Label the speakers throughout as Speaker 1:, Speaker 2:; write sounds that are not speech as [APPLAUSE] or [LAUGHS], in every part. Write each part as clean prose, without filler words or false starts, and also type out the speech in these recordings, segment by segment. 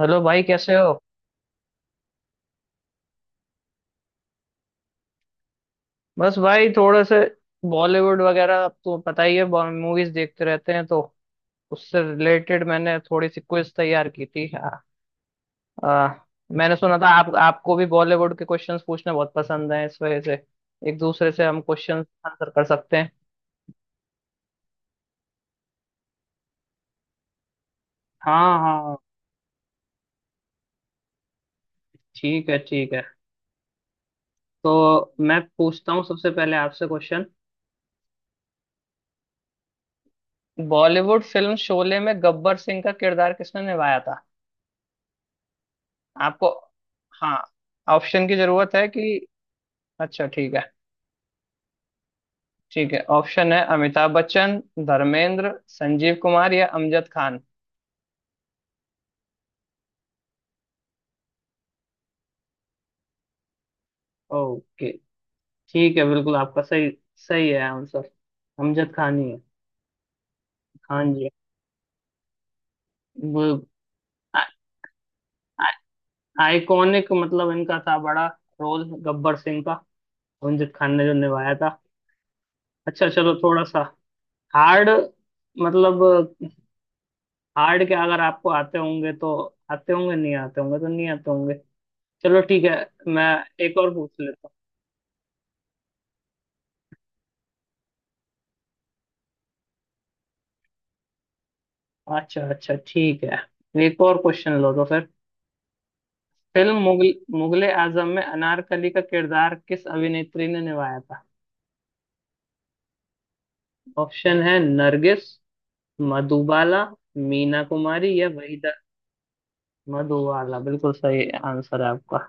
Speaker 1: Hello भाई, कैसे हो। बस भाई, थोड़े से बॉलीवुड वगैरह, अब तो पता ही है। मूवीज देखते रहते हैं, तो उससे रिलेटेड मैंने थोड़ी सी क्विज तैयार की थी। आ, आ, मैंने सुना था आप आपको भी बॉलीवुड के क्वेश्चंस पूछना बहुत पसंद है, इस वजह से एक दूसरे से हम क्वेश्चंस आंसर कर सकते हैं। हाँ हाँ। ठीक है, ठीक है। तो मैं पूछता हूँ सबसे पहले आपसे क्वेश्चन। बॉलीवुड फिल्म शोले में गब्बर सिंह का किरदार किसने निभाया था? आपको। हाँ। ऑप्शन की जरूरत है कि? अच्छा, ठीक है। ठीक है, ऑप्शन है अमिताभ बच्चन, धर्मेंद्र, संजीव कुमार या अमजद खान। ओके। ठीक है, बिल्कुल आपका सही। सही है आंसर। अमजद खान ही है। खान जी है। वो आइकॉनिक मतलब इनका था, बड़ा रोल गब्बर सिंह का, अमजद खान ने जो निभाया था। अच्छा, चलो थोड़ा सा हार्ड। मतलब हार्ड के अगर आपको आते होंगे तो आते होंगे, नहीं आते होंगे तो नहीं आते होंगे। चलो ठीक है। मैं एक और पूछ लेता। अच्छा अच्छा, ठीक है, एक और क्वेश्चन लो तो फिर। फिल्म मुगल मुगले आजम में अनारकली का किरदार किस अभिनेत्री ने निभाया था? ऑप्शन है नरगिस, मधुबाला, मीना कुमारी या वहीदा। मधुबाला बिल्कुल सही आंसर है आपका।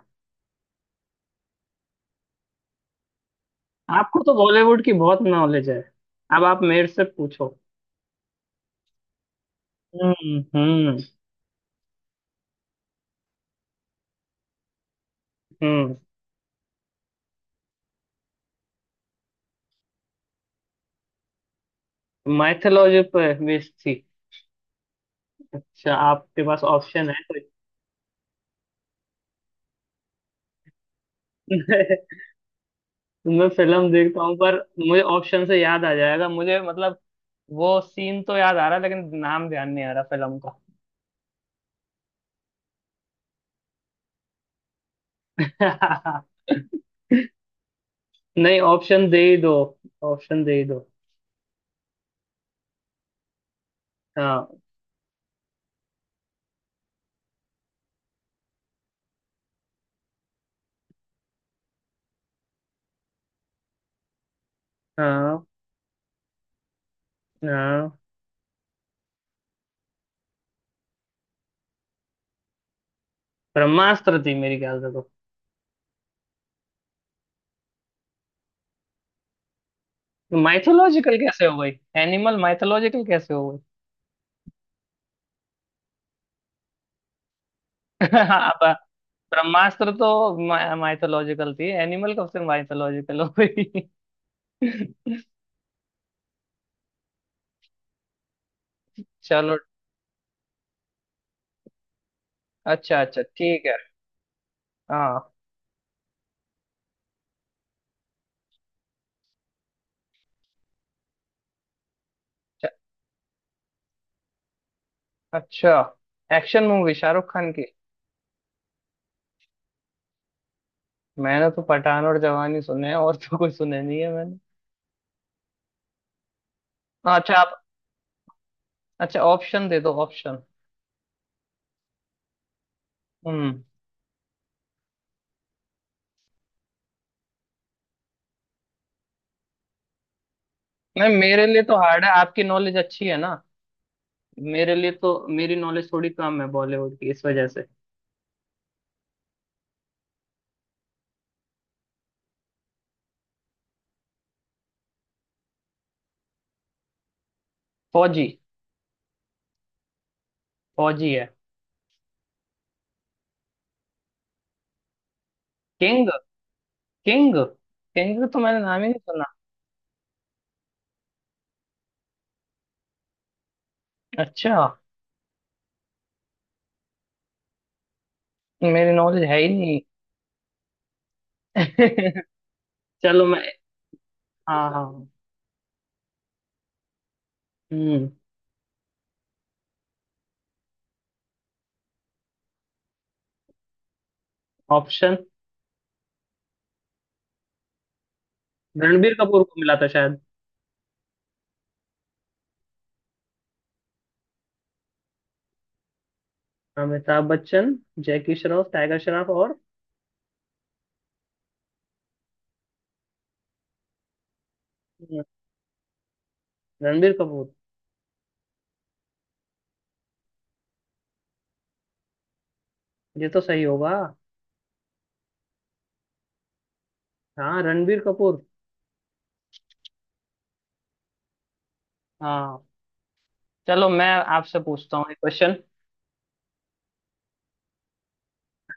Speaker 1: आपको तो बॉलीवुड की बहुत नॉलेज है। अब आप मेरे से पूछो। हम्म। हम्म। माइथोलॉजी पर बेस्ड थी? अच्छा, आपके पास ऑप्शन है? कोई [LAUGHS] मैं फिल्म देखता हूँ, पर मुझे ऑप्शन से याद आ जाएगा, मुझे मतलब वो सीन तो याद आ रहा है लेकिन नाम ध्यान नहीं आ रहा फिल्म का। [LAUGHS] नहीं, ऑप्शन दे ही दो, ऑप्शन दे ही दो। हाँ। हाँ। हाँ। ब्रह्मास्त्र थी मेरी ख्याल से तो। माइथोलॉजिकल कैसे हो गई? एनिमल माइथोलॉजिकल कैसे हो गई? [LAUGHS] अब ब्रह्मास्त्र तो माइथोलॉजिकल थी, एनिमल कब से माइथोलॉजिकल हो गई? [LAUGHS] चलो। अच्छा अच्छा, ठीक है। हाँ। अच्छा। एक्शन मूवी शाहरुख खान की? मैंने तो पठान और जवानी सुने हैं, और तो कोई सुने नहीं है मैंने। हाँ, अच्छा आप। अच्छा, ऑप्शन दे दो, ऑप्शन। हम्म। नहीं, मेरे लिए तो हार्ड है, आपकी नॉलेज अच्छी है ना। मेरे लिए तो मेरी नॉलेज थोड़ी कम है बॉलीवुड की, इस वजह से। फौजी। फौजी है। किंग। किंग। किंग का तो मैंने नाम ही नहीं सुना। अच्छा। मेरी नॉलेज है ही नहीं। [LAUGHS] चलो मैं। हाँ हाँ। हम्म। ऑप्शन। रणबीर कपूर को मिला था शायद। अमिताभ बच्चन। जैकी श्रॉफ, टाइगर श्रॉफ और। हम्म, रणबीर कपूर। ये तो सही होगा। हाँ, रणबीर कपूर। हाँ। चलो मैं आपसे पूछता हूँ एक क्वेश्चन।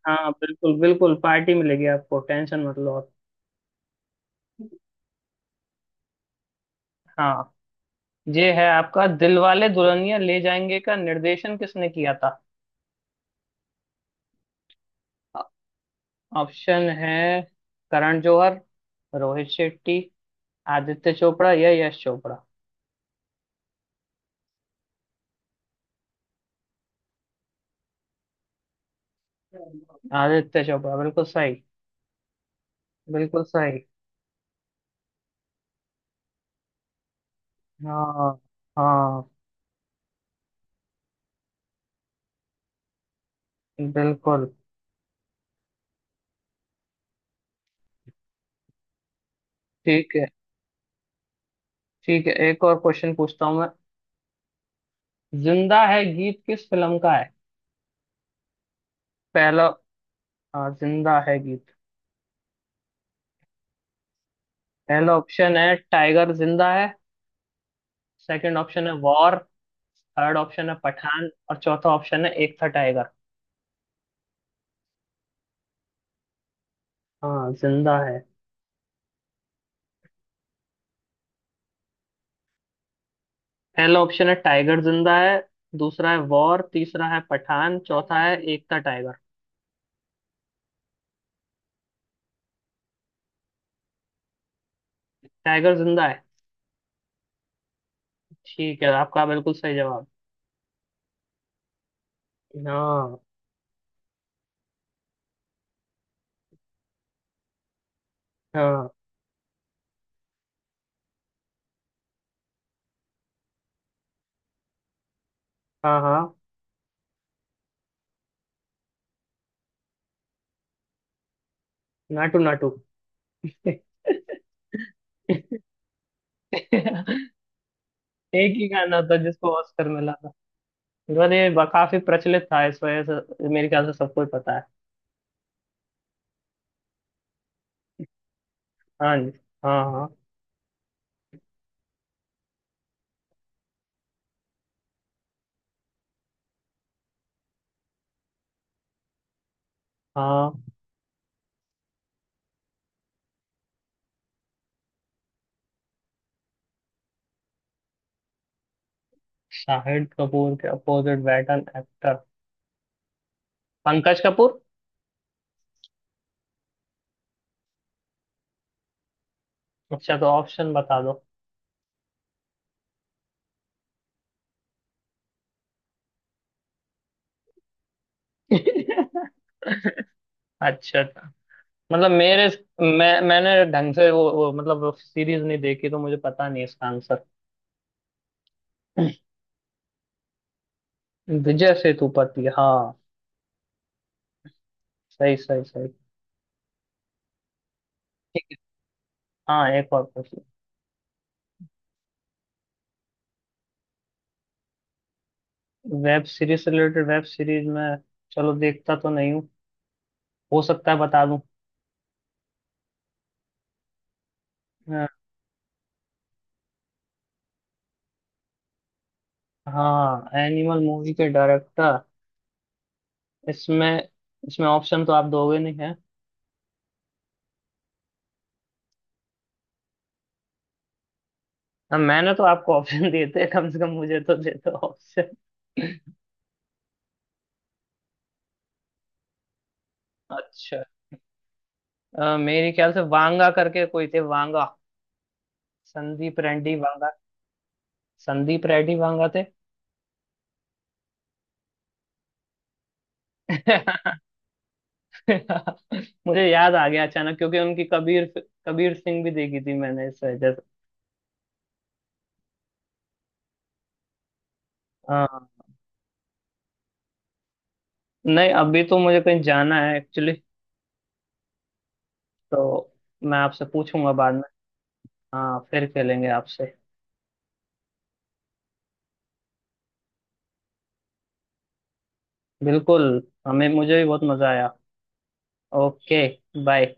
Speaker 1: हाँ, बिल्कुल बिल्कुल, पार्टी मिलेगी आपको, टेंशन मत लो आप। हाँ। ये है आपका, दिलवाले दुल्हनिया ले जाएंगे का निर्देशन किसने किया था? ऑप्शन है करण जौहर, रोहित शेट्टी, आदित्य चोपड़ा या यश चोपड़ा। आदित्य चोपड़ा बिल्कुल सही। बिल्कुल सही। हाँ। हाँ। बिल्कुल। ठीक है। ठीक है, एक और क्वेश्चन पूछता हूँ मैं। जिंदा है गीत किस फिल्म का है? पहला। हाँ, जिंदा है गीत। पहला ऑप्शन है टाइगर जिंदा है, सेकंड ऑप्शन है वॉर, थर्ड ऑप्शन है पठान और चौथा ऑप्शन है एक था टाइगर। हाँ, जिंदा है। पहला ऑप्शन है टाइगर जिंदा है, दूसरा है वॉर, तीसरा है पठान, चौथा है एक था टाइगर। टाइगर जिंदा है। ठीक है, आपका बिल्कुल सही जवाब। हाँ। हाँ। हाँ। हाँ। नाटू नाटू। [LAUGHS] एक ही गाना था जिसको ऑस्कर मिला था। और ये काफी प्रचलित था, इस वजह से मेरे ख्याल से सबको ही पता है। हाँ जी। हाँ हाँ। हाँ। शाहिद कपूर के अपोजिट बैटन एक्टर? पंकज कपूर। अच्छा, तो ऑप्शन बता दो। [LAUGHS] अच्छा था। मतलब मेरे। मैंने ढंग से वो मतलब सीरीज नहीं देखी, तो मुझे पता नहीं इसका आंसर। [CLEARS THROAT] विजय सेतुपति, हाँ। सही, सही, सही। हाँ, एक और क्वेश्चन। वेब सीरीज से रिलेटेड। वेब सीरीज में चलो, देखता तो नहीं हूँ, हो सकता है बता दूं। अ, हाँ, एनिमल मूवी के डायरेक्टर। इसमें इसमें ऑप्शन तो आप दोगे नहीं है। मैंने तो आपको ऑप्शन [LAUGHS] देते, कम से कम मुझे तो देते ऑप्शन। अच्छा। मेरे ख्याल से वांगा करके कोई थे, वांगा। संदीप रेड्डी वांगा। संदीप रेड्डी वांगा थे। [LAUGHS] मुझे याद आ गया अचानक क्योंकि उनकी कबीर कबीर सिंह भी देखी थी मैंने, इस वजह से। हाँ। नहीं, अभी तो मुझे कहीं जाना है एक्चुअली, तो मैं आपसे पूछूंगा बाद में। हाँ, फिर खेलेंगे आपसे। बिल्कुल, हमें मुझे भी बहुत मजा आया। ओके। बाय।